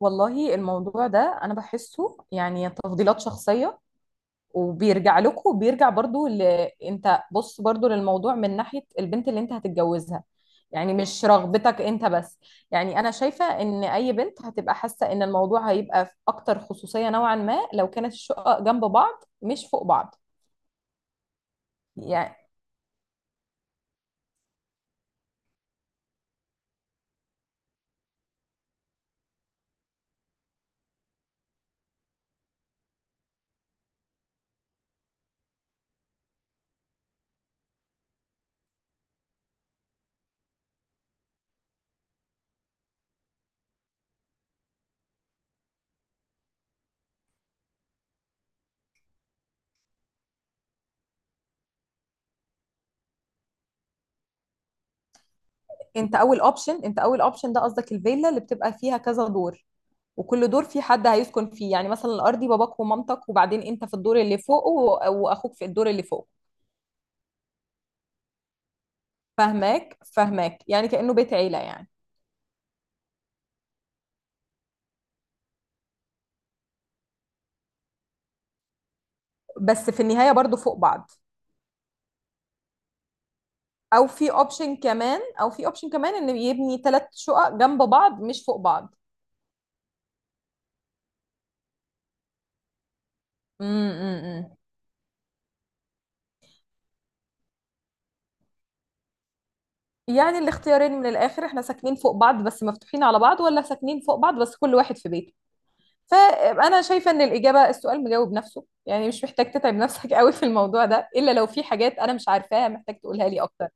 والله الموضوع ده انا بحسه، يعني تفضيلات شخصيه، وبيرجع لكم، وبيرجع برضو انت بص برضو للموضوع من ناحيه البنت اللي انت هتتجوزها، يعني مش رغبتك انت بس. يعني انا شايفه ان اي بنت هتبقى حاسه ان الموضوع هيبقى في اكتر خصوصيه نوعا ما لو كانت الشقق جنب بعض مش فوق بعض. يعني انت اول اوبشن، ده قصدك الفيلا اللي بتبقى فيها كذا دور، وكل دور في حد هيسكن فيه، يعني مثلا الارضي باباك ومامتك، وبعدين انت في الدور اللي فوقه، واخوك في الدور اللي فوقه. فهماك فهماك، يعني كأنه بيت عيلة يعني. بس في النهاية برضو فوق بعض. او في اوبشن كمان، ان يبني ثلاث شقق جنب بعض مش فوق بعض. امم يعني الاختيارين من الاخر، احنا ساكنين فوق بعض بس مفتوحين على بعض، ولا ساكنين فوق بعض بس كل واحد في بيته. فانا شايفه ان الاجابه، السؤال مجاوب نفسه، يعني مش محتاج تتعب نفسك قوي في الموضوع ده، الا لو في حاجات انا مش عارفاها محتاج تقولها لي اكتر.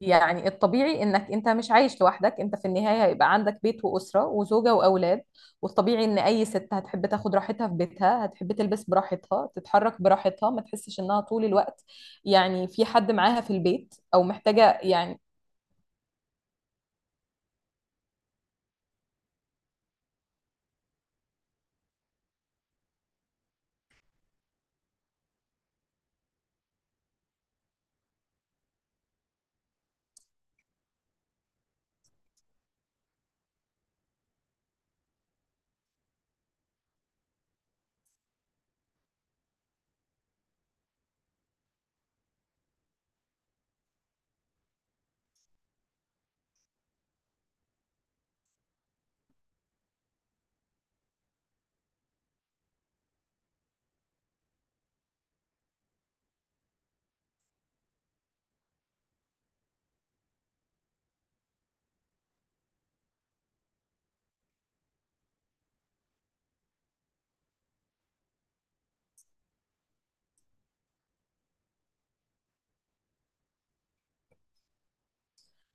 يعني الطبيعي انك انت مش عايش لوحدك، انت في النهايه هيبقى عندك بيت واسره وزوجه واولاد. والطبيعي ان اي ست هتحب تاخد راحتها في بيتها، هتحب تلبس براحتها، تتحرك براحتها، ما تحسش انها طول الوقت يعني في حد معاها في البيت او محتاجه يعني.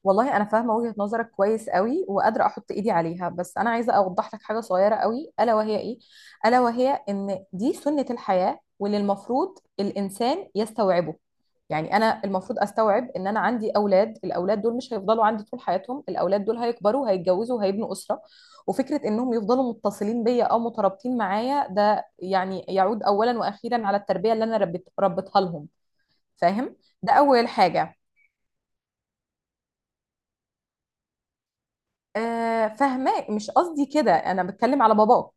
والله انا فاهمه وجهه نظرك كويس قوي وقادره احط ايدي عليها، بس انا عايزه اوضح لك حاجه صغيره قوي، الا وهي ايه؟ الا وهي ان دي سنه الحياه واللي المفروض الانسان يستوعبه. يعني انا المفروض استوعب ان انا عندي اولاد، الاولاد دول مش هيفضلوا عندي طول حياتهم، الاولاد دول هيكبروا هيتجوزوا وهيبنوا اسره. وفكره انهم يفضلوا متصلين بيا او مترابطين معايا ده يعني يعود اولا واخيرا على التربيه اللي انا ربيتها لهم. فاهم؟ ده اول حاجه. فاهماه، مش قصدي كده، انا بتكلم على باباك.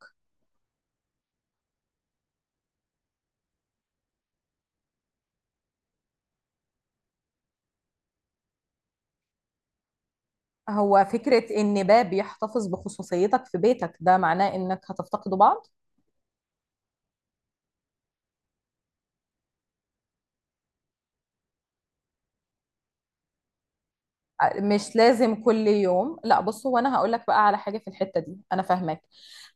هو فكرة ان باب يحتفظ بخصوصيتك في بيتك، ده معناه انك هتفتقدوا بعض؟ مش لازم كل يوم. لا بص، هو انا هقول لك بقى على حاجه في الحته دي، انا فاهماك.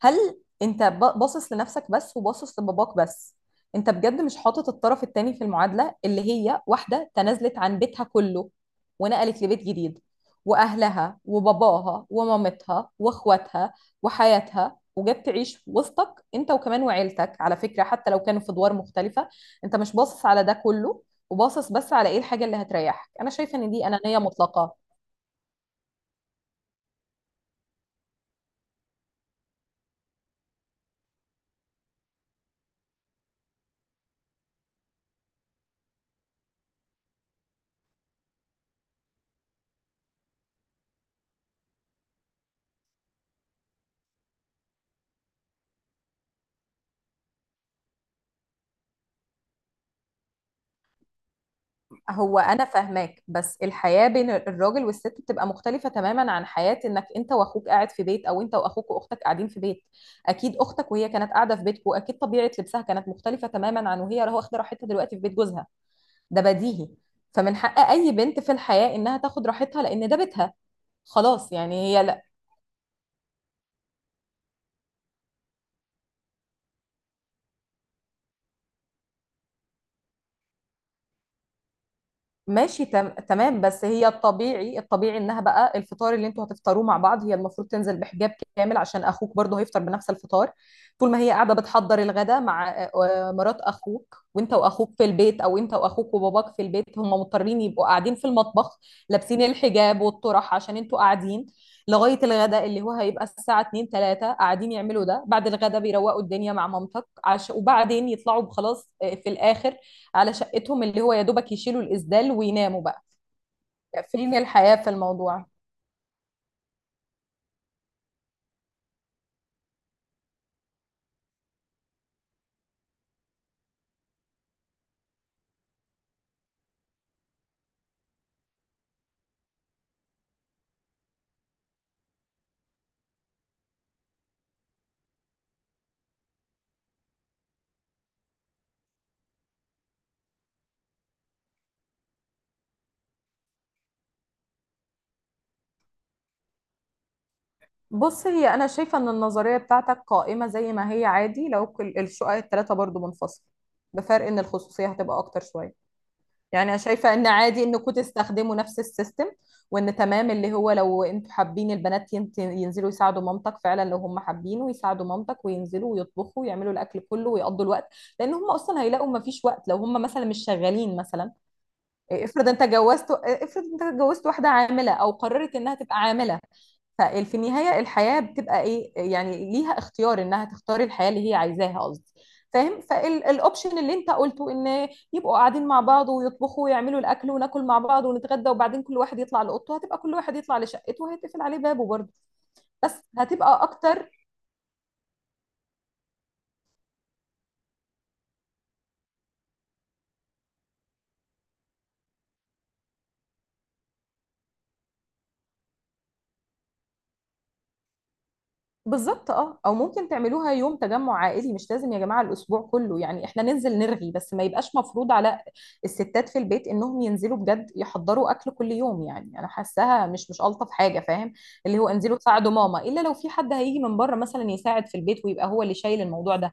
هل انت باصص لنفسك بس وباصص لباباك بس؟ انت بجد مش حاطط الطرف التاني في المعادله، اللي هي واحده تنازلت عن بيتها كله ونقلت لبيت جديد، واهلها وباباها ومامتها واخواتها وحياتها، وجت تعيش وسطك انت، وكمان وعيلتك على فكره حتى لو كانوا في ادوار مختلفه. انت مش باصص على ده كله، وباصص بس على ايه الحاجه اللي هتريحك. انا شايفه ان دي انانيه مطلقه. هو انا فاهماك، بس الحياه بين الراجل والست بتبقى مختلفه تماما عن حياه انك انت واخوك قاعد في بيت، او انت واخوك واختك قاعدين في بيت. اكيد اختك وهي كانت قاعده في بيتكم اكيد طبيعه لبسها كانت مختلفه تماما عن وهي واخده راحتها دلوقتي في بيت جوزها. ده بديهي. فمن حق اي بنت في الحياه انها تاخد راحتها لان ده بيتها. خلاص يعني هي. ماشي تمام. بس هي الطبيعي، الطبيعي انها بقى الفطار اللي انتوا هتفطروه مع بعض، هي المفروض تنزل بحجاب كامل عشان اخوك برضه هيفطر بنفس الفطار. طول ما هي قاعده بتحضر الغدا مع مرات اخوك وانت واخوك في البيت، او انت واخوك وباباك في البيت، هم مضطرين يبقوا قاعدين في المطبخ لابسين الحجاب والطرح عشان انتوا قاعدين لغايه الغدا اللي هو هيبقى الساعه 2 3، قاعدين يعملوا ده. بعد الغدا بيروقوا الدنيا مع مامتك وبعدين يطلعوا خلاص في الاخر على شقتهم، اللي هو يا دوبك يشيلوا الإسدال ويناموا بقى. فين الحياة في الموضوع؟ بص هي، أنا شايفة إن النظرية بتاعتك قائمة زي ما هي عادي، لو الشقق التلاتة برضو منفصلة، بفرق إن الخصوصية هتبقى أكتر شوية. يعني أنا شايفة إن عادي إنكم تستخدموا نفس السيستم، وإن تمام اللي هو لو أنتوا حابين البنات ينزلوا يساعدوا مامتك. فعلا لو هم حابينه يساعدوا مامتك وينزلوا ويطبخوا ويعملوا الأكل كله ويقضوا الوقت، لأن هم أصلا هيلاقوا مفيش وقت لو هم مثلا مش شغالين مثلا. افرض انت جوزت واحده عامله، او قررت انها تبقى عامله. ففي النهايه الحياه بتبقى ايه، يعني ليها اختيار انها تختار الحياه اللي هي عايزاها قصدي فاهم. فالاوبشن اللي انت قلته ان يبقوا قاعدين مع بعض ويطبخوا ويعملوا الاكل وناكل مع بعض ونتغدى وبعدين كل واحد يطلع لاوضته، هتبقى كل واحد يطلع لشقته وهيتقفل عليه بابه برضه، بس هتبقى اكتر. بالظبط اه. او ممكن تعملوها يوم تجمع عائلي، مش لازم يا جماعه الاسبوع كله، يعني احنا ننزل نرغي بس ما يبقاش مفروض على الستات في البيت انهم ينزلوا بجد يحضروا اكل كل يوم، يعني انا حاساها مش الطف حاجه فاهم. اللي هو انزلوا تساعدوا ماما، الا لو في حد هيجي من بره مثلا يساعد في البيت ويبقى هو اللي شايل الموضوع ده.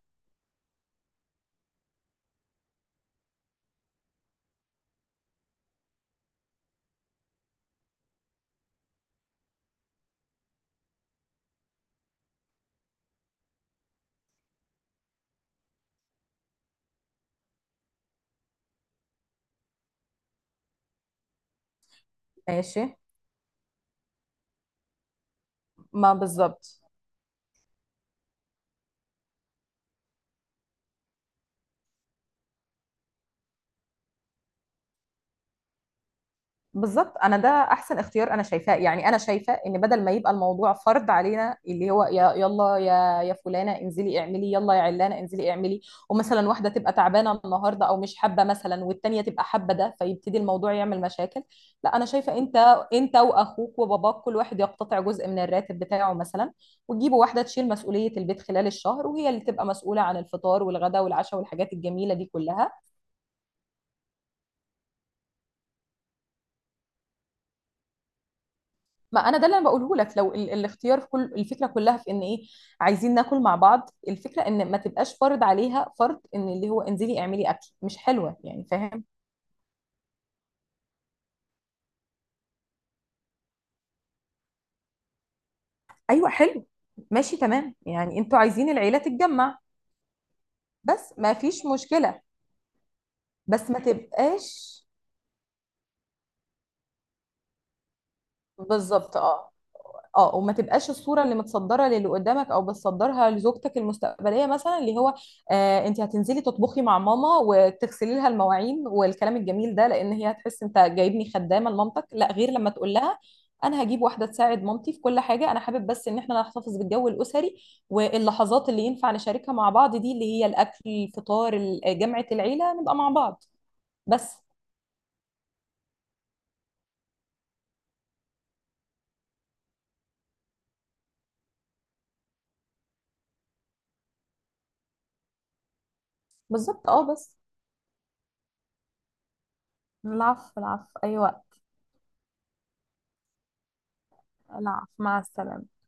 ماشي ما بالظبط. بالظبط، انا ده احسن اختيار انا شايفاه. يعني انا شايفه ان بدل ما يبقى الموضوع فرض علينا اللي هو يا يلا يا فلانه انزلي اعملي، يلا يا علانه انزلي اعملي، ومثلا واحده تبقى تعبانه النهارده او مش حابه مثلا والتانيه تبقى حابه، ده فيبتدي الموضوع يعمل مشاكل. لا انا شايفه انت، انت واخوك وباباك كل واحد يقتطع جزء من الراتب بتاعه مثلا، وتجيبوا واحده تشيل مسؤوليه البيت خلال الشهر، وهي اللي تبقى مسؤوله عن الفطار والغداء والعشاء والحاجات الجميله دي كلها. ما انا ده اللي انا بقوله لك. لو الاختيار في كل الفكره كلها في ان ايه، عايزين ناكل مع بعض، الفكره ان ما تبقاش فرض عليها فرض ان اللي هو انزلي اعملي اكل، مش حلوه يعني فاهم. ايوه حلو، ماشي تمام، يعني انتوا عايزين العيله تتجمع، بس ما فيش مشكله، بس ما تبقاش. بالظبط اه. اه وما تبقاش الصوره اللي متصدره للي قدامك او بتصدرها لزوجتك المستقبليه مثلا، اللي هو آه انت هتنزلي تطبخي مع ماما وتغسلي لها المواعين والكلام الجميل ده، لان هي هتحس انت جايبني خدامه لمامتك لا غير. لما تقول لها انا هجيب واحده تساعد مامتي في كل حاجه، انا حابب بس ان احنا نحتفظ بالجو الاسري، واللحظات اللي ينفع نشاركها مع بعض دي اللي هي الاكل، الفطار، جمعه العيله، نبقى مع بعض بس. بالظبط اه، بس. العفو العفو، أي وقت. العفو، مع السلامة.